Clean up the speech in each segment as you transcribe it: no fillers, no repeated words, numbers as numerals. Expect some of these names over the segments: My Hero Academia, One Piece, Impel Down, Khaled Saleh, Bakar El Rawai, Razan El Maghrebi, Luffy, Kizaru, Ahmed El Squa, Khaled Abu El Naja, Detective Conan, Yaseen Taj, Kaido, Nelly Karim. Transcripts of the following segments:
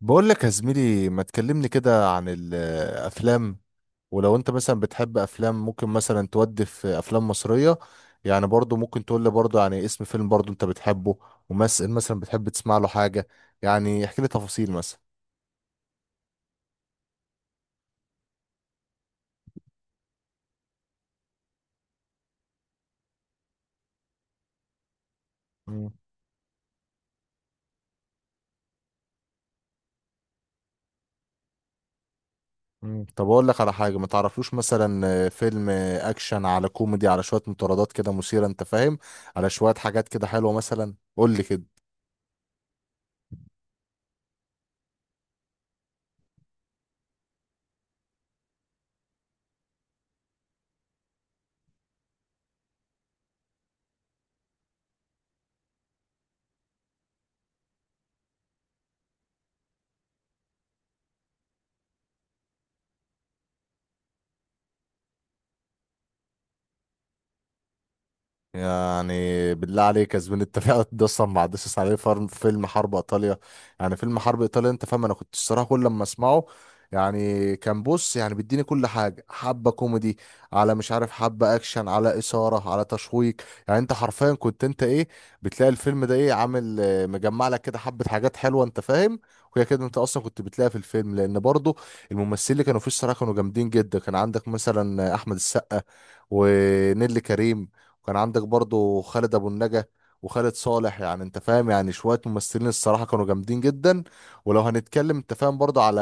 بقول لك يا زميلي ما تكلمني كده عن الافلام، ولو انت مثلا بتحب افلام ممكن مثلا تودي في افلام مصرية. يعني برضو ممكن تقول لي برضو يعني اسم فيلم برضو انت بتحبه، وممثل مثلا بتحب تسمع له حاجة. يعني احكي لي تفاصيل مثلا. مم. مم. طب اقول لك على حاجة ما تعرفلوش مثلا، فيلم اكشن على كوميدي على شوية مطاردات كده مثيرة، انت فاهم؟ على شوية حاجات كده حلوة مثلا، قول لي كده. يعني بالله عليك يا زميلي انت فعلا ده اصلا ما عدتش عليه فيلم حرب ايطاليا. يعني فيلم حرب ايطاليا، انت فاهم؟ انا كنت الصراحه كل لما اسمعه يعني كان بص يعني بيديني كل حاجه، حبه كوميدي على مش عارف حبه اكشن على اثاره على تشويق. يعني انت حرفيا كنت انت ايه بتلاقي الفيلم ده ايه عامل مجمع لك كده حبه حاجات حلوه، انت فاهم؟ وهي كده انت اصلا كنت بتلاقيها في الفيلم لان برضه الممثلين اللي كانوا فيه الصراحه كانوا جامدين جدا. كان عندك مثلا احمد السقا ونيللي كريم، وكان عندك برضو خالد ابو النجا وخالد صالح، يعني انت فاهم يعني شويه ممثلين الصراحه كانوا جامدين جدا. ولو هنتكلم انت فاهم برضو على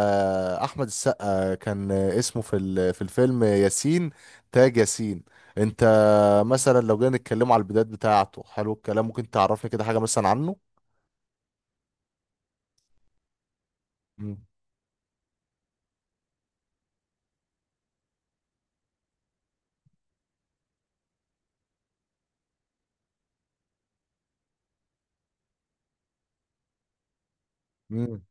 احمد السقا كان اسمه في في الفيلم ياسين، تاج ياسين، انت مثلا لو جينا نتكلم على البدايات بتاعته حلو الكلام ممكن تعرفني كده حاجه مثلا عنه. مم. مم.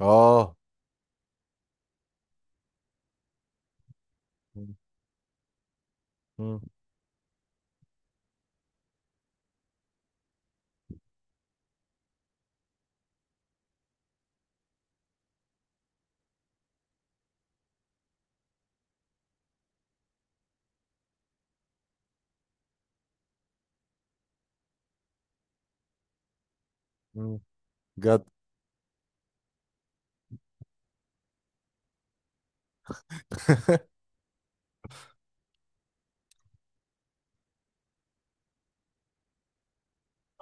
اه. مم. مم. مم. جد.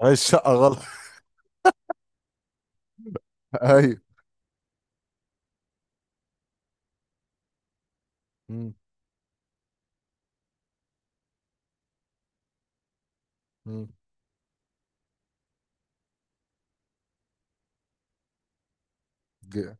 هاي الشقه غلط. ايوه. مم. مم. ج-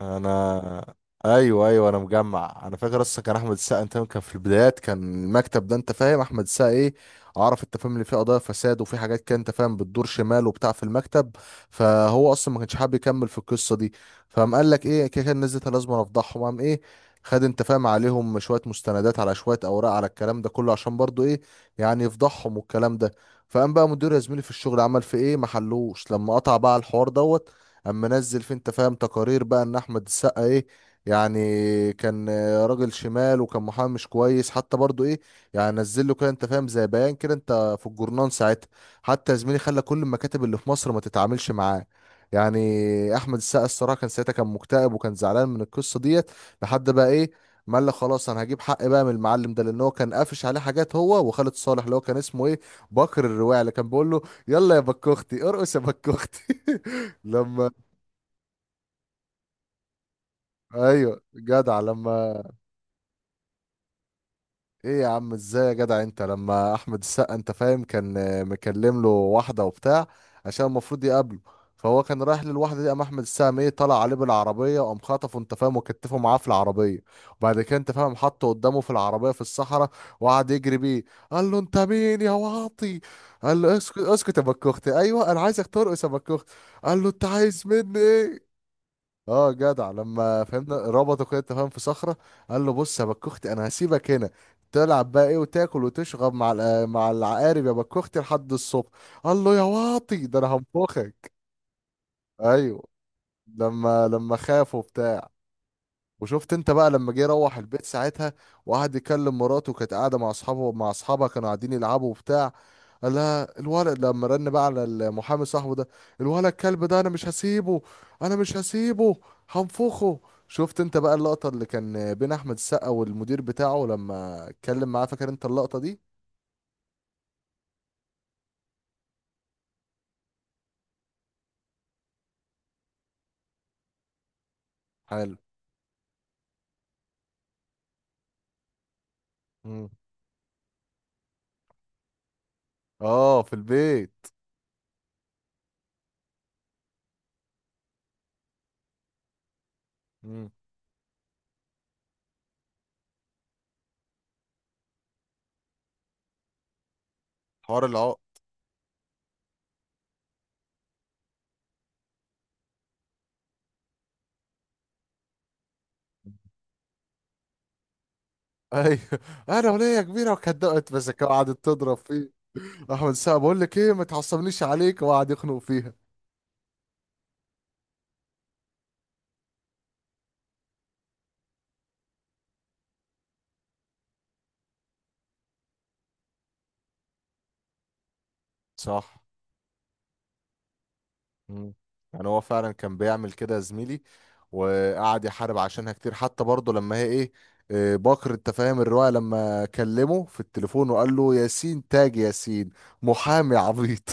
انا ايوه ايوه، انا مجمع، انا فاكر اصلا كان احمد السقا انت كان في البدايات كان المكتب ده انت فاهم احمد السقا ايه عرف انت فاهم اللي فيه قضايا فساد وفي حاجات كده انت فاهم بتدور شمال وبتاع في المكتب. فهو اصلا ما كانش حابب يكمل في القصه دي، فقام قال لك ايه كده كان نزلت لازم أنا افضحهم. قام ايه خد انت فاهم عليهم شويه مستندات على شويه اوراق على الكلام ده كله عشان برضو ايه يعني يفضحهم والكلام ده. فقام بقى مدير يا زميلي في الشغل عمل في ايه محلوش لما قطع بقى الحوار دوت اما نزل في انت فاهم تقارير بقى ان احمد السقا ايه يعني كان راجل شمال وكان محامي مش كويس، حتى برضو ايه يعني نزل له كده انت فاهم زي بيان كده انت في الجورنان ساعتها، حتى يا زميلي خلى كل المكاتب اللي في مصر ما تتعاملش معاه. يعني احمد السقا الصراحه كان ساعتها كان مكتئب وكان زعلان من القصه ديت لحد بقى ايه ما قال لك خلاص انا هجيب حق بقى من المعلم ده، لان هو كان قافش عليه حاجات، هو وخالد صالح اللي هو كان اسمه ايه بكر الرواعي اللي كان بيقول له يلا يا بكوختي ارقص يا بكوختي. لما ايوه جدع لما ايه يا عم ازاي يا جدع انت لما احمد السقا انت فاهم كان مكلم له واحده وبتاع عشان المفروض يقابله. فهو كان رايح للواحده دي قام احمد السقا ايه طلع عليه بالعربيه وقام خطفه انت فاهم وكتفه معاه في العربيه، وبعد كده انت فاهم حطه قدامه في العربيه في الصحراء وقعد يجري بيه. قال له انت مين يا واطي؟ قال له اسكت اسكت يا بكوختي، ايوه انا عايزك ترقص يا بكوختي. قال له انت عايز مني ايه؟ اه جدع لما فهمنا ربطوا كده تفاهم في صخرة، قال له بص يا بكوختي انا هسيبك هنا تلعب بقى ايه وتاكل وتشرب مع مع العقارب يا بكوختي لحد الصبح. قال له يا واطي ده انا هنفخك. ايوه لما خافوا، وشفت انت بقى لما جه يروح البيت ساعتها وقعد يكلم مراته كانت قاعده مع اصحابه مع اصحابها كانوا قاعدين يلعبوا وبتاع. قال لها الولد لما رن بقى على المحامي صاحبه ده، الولد الكلب ده انا مش هسيبه، انا مش هسيبه، هنفخه. شفت انت بقى اللقطه اللي كان بين احمد السقا والمدير بتاعه لما اتكلم معاه فاكر انت اللقطه دي؟ حلو. مم. اه في البيت. مم. حوار العقد. ايوه انا وليا كبيره وكدقت مسكه وقعدت تضرب فيه، احمد سقا بقول لك ايه ما تعصبنيش عليك وقعد يخنق فيها. صح. مم. يعني هو فعلا كان بيعمل كده يا زميلي، وقعد يحارب عشانها كتير حتى برضه لما هي ايه إيه، باكر انت فاهم الرواية لما كلمه في التليفون وقال له ياسين تاج ياسين محامي عبيط.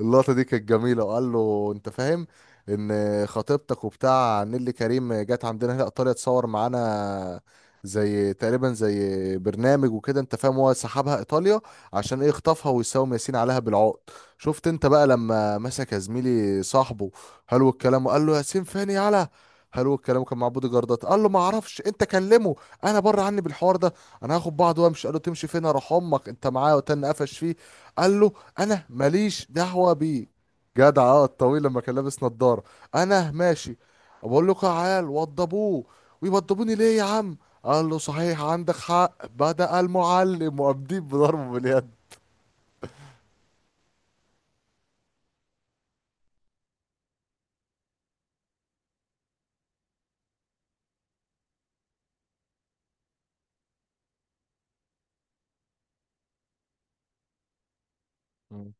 اللقطة دي كانت جميلة. وقال له انت فاهم ان خطيبتك وبتاع نيللي كريم جت عندنا هنا ايطاليا تصور معانا زي تقريبا زي برنامج وكده انت فاهم هو سحبها ايطاليا عشان ايه خطفها ويساوم ياسين عليها بالعقد. شفت انت بقى لما مسك يا زميلي صاحبه حلو الكلام وقال له ياسين فين يالا حلو الكلام كان مع بودي جاردات؟ قال له ما اعرفش انت كلمه انا بره عني بالحوار ده انا هاخد بعض وامشي. قال له تمشي فين؟ اروح امك انت معايا، وتن قفش فيه. قال له انا ماليش دعوه بيه. جدع اه الطويل لما كان لابس نضاره، انا ماشي. بقول له تعال وضبوه، ويوضبوني ليه يا عم؟ قال له صحيح عندك حق، بدأ المعلم وقام بضربه باليد. مم.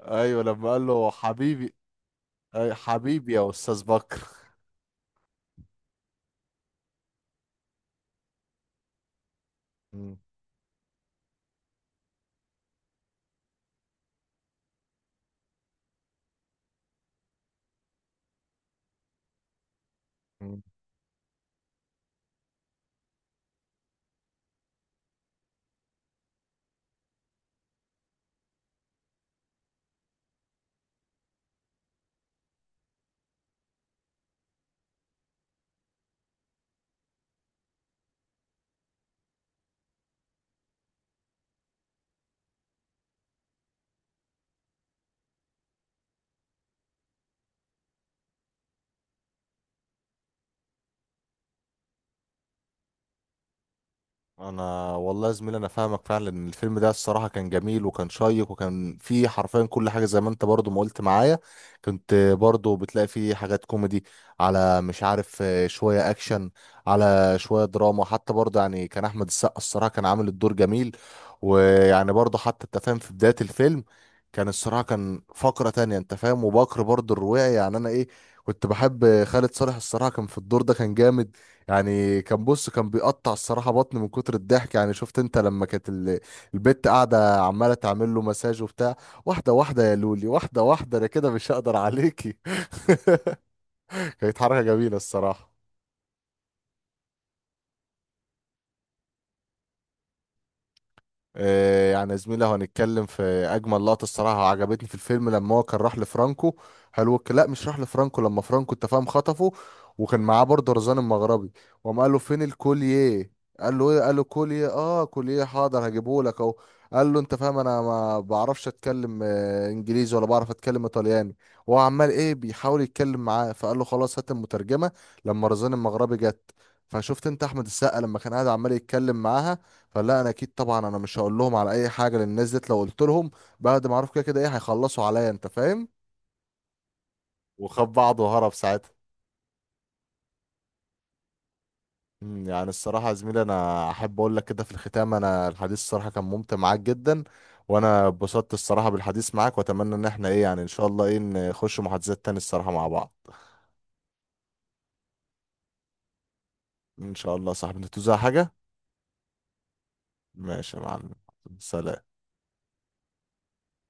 ايوه لما قال له حبيبي، أي حبيبي يا استاذ بكر. مم. انا والله يا زميلي انا فاهمك فعلا ان الفيلم ده الصراحه كان جميل وكان شيق وكان فيه حرفيا كل حاجه زي ما انت برضو ما قلت معايا، كنت برضو بتلاقي فيه حاجات كوميدي على مش عارف شويه اكشن على شويه دراما، حتى برضو يعني كان احمد السقا الصراحه كان عامل الدور جميل. ويعني برضو حتى انت فاهم في بدايه الفيلم كان الصراحه كان فقره تانية انت فاهم، وبكر برضو الرواعي يعني انا ايه كنت بحب خالد صالح الصراحه كان في الدور ده كان جامد. يعني كان بص كان بيقطع الصراحة بطني من كتر الضحك، يعني شفت انت لما كانت البت قاعدة عمالة تعمل له مساج وبتاع، واحدة واحدة يا لولي واحدة واحدة انا كده مش هقدر عليكي. كانت حركة جميلة الصراحة. يعني يا زميلي لو هنتكلم في اجمل لقطه الصراحه عجبتني في الفيلم لما هو كان راح لفرانكو هلوك لا مش راح لفرانكو لما فرانكو انت فاهم خطفه وكان معاه برضه رزان المغربي، وقام قال له فين الكوليه؟ قال له ايه؟ قال له كوليه اه كوليه حاضر هجيبه لك اهو. قال له انت فاهم انا ما بعرفش اتكلم انجليزي ولا بعرف اتكلم ايطالياني، وهو عمال ايه بيحاول يتكلم معاه. فقال له خلاص هات المترجمه. لما رزان المغربي جت فشفت انت احمد السقا لما كان قاعد عمال يتكلم معاها، فلا انا اكيد طبعا انا مش هقول لهم على اي حاجه لان الناس ديت لو قلت لهم بعد ما اعرف كده كده ايه هيخلصوا عليا، انت فاهم؟ وخد بعضه وهرب ساعتها. يعني الصراحه يا زميلي انا احب اقول لك كده في الختام انا الحديث الصراحه كان ممتع معاك جدا، وانا اتبسطت الصراحه بالحديث معاك، واتمنى ان احنا ايه يعني ان شاء الله ايه نخش محادثات تاني الصراحه مع بعض. ان شاء الله يا صاحبي، انت توزع حاجه. ماشي يا معلم. سلام.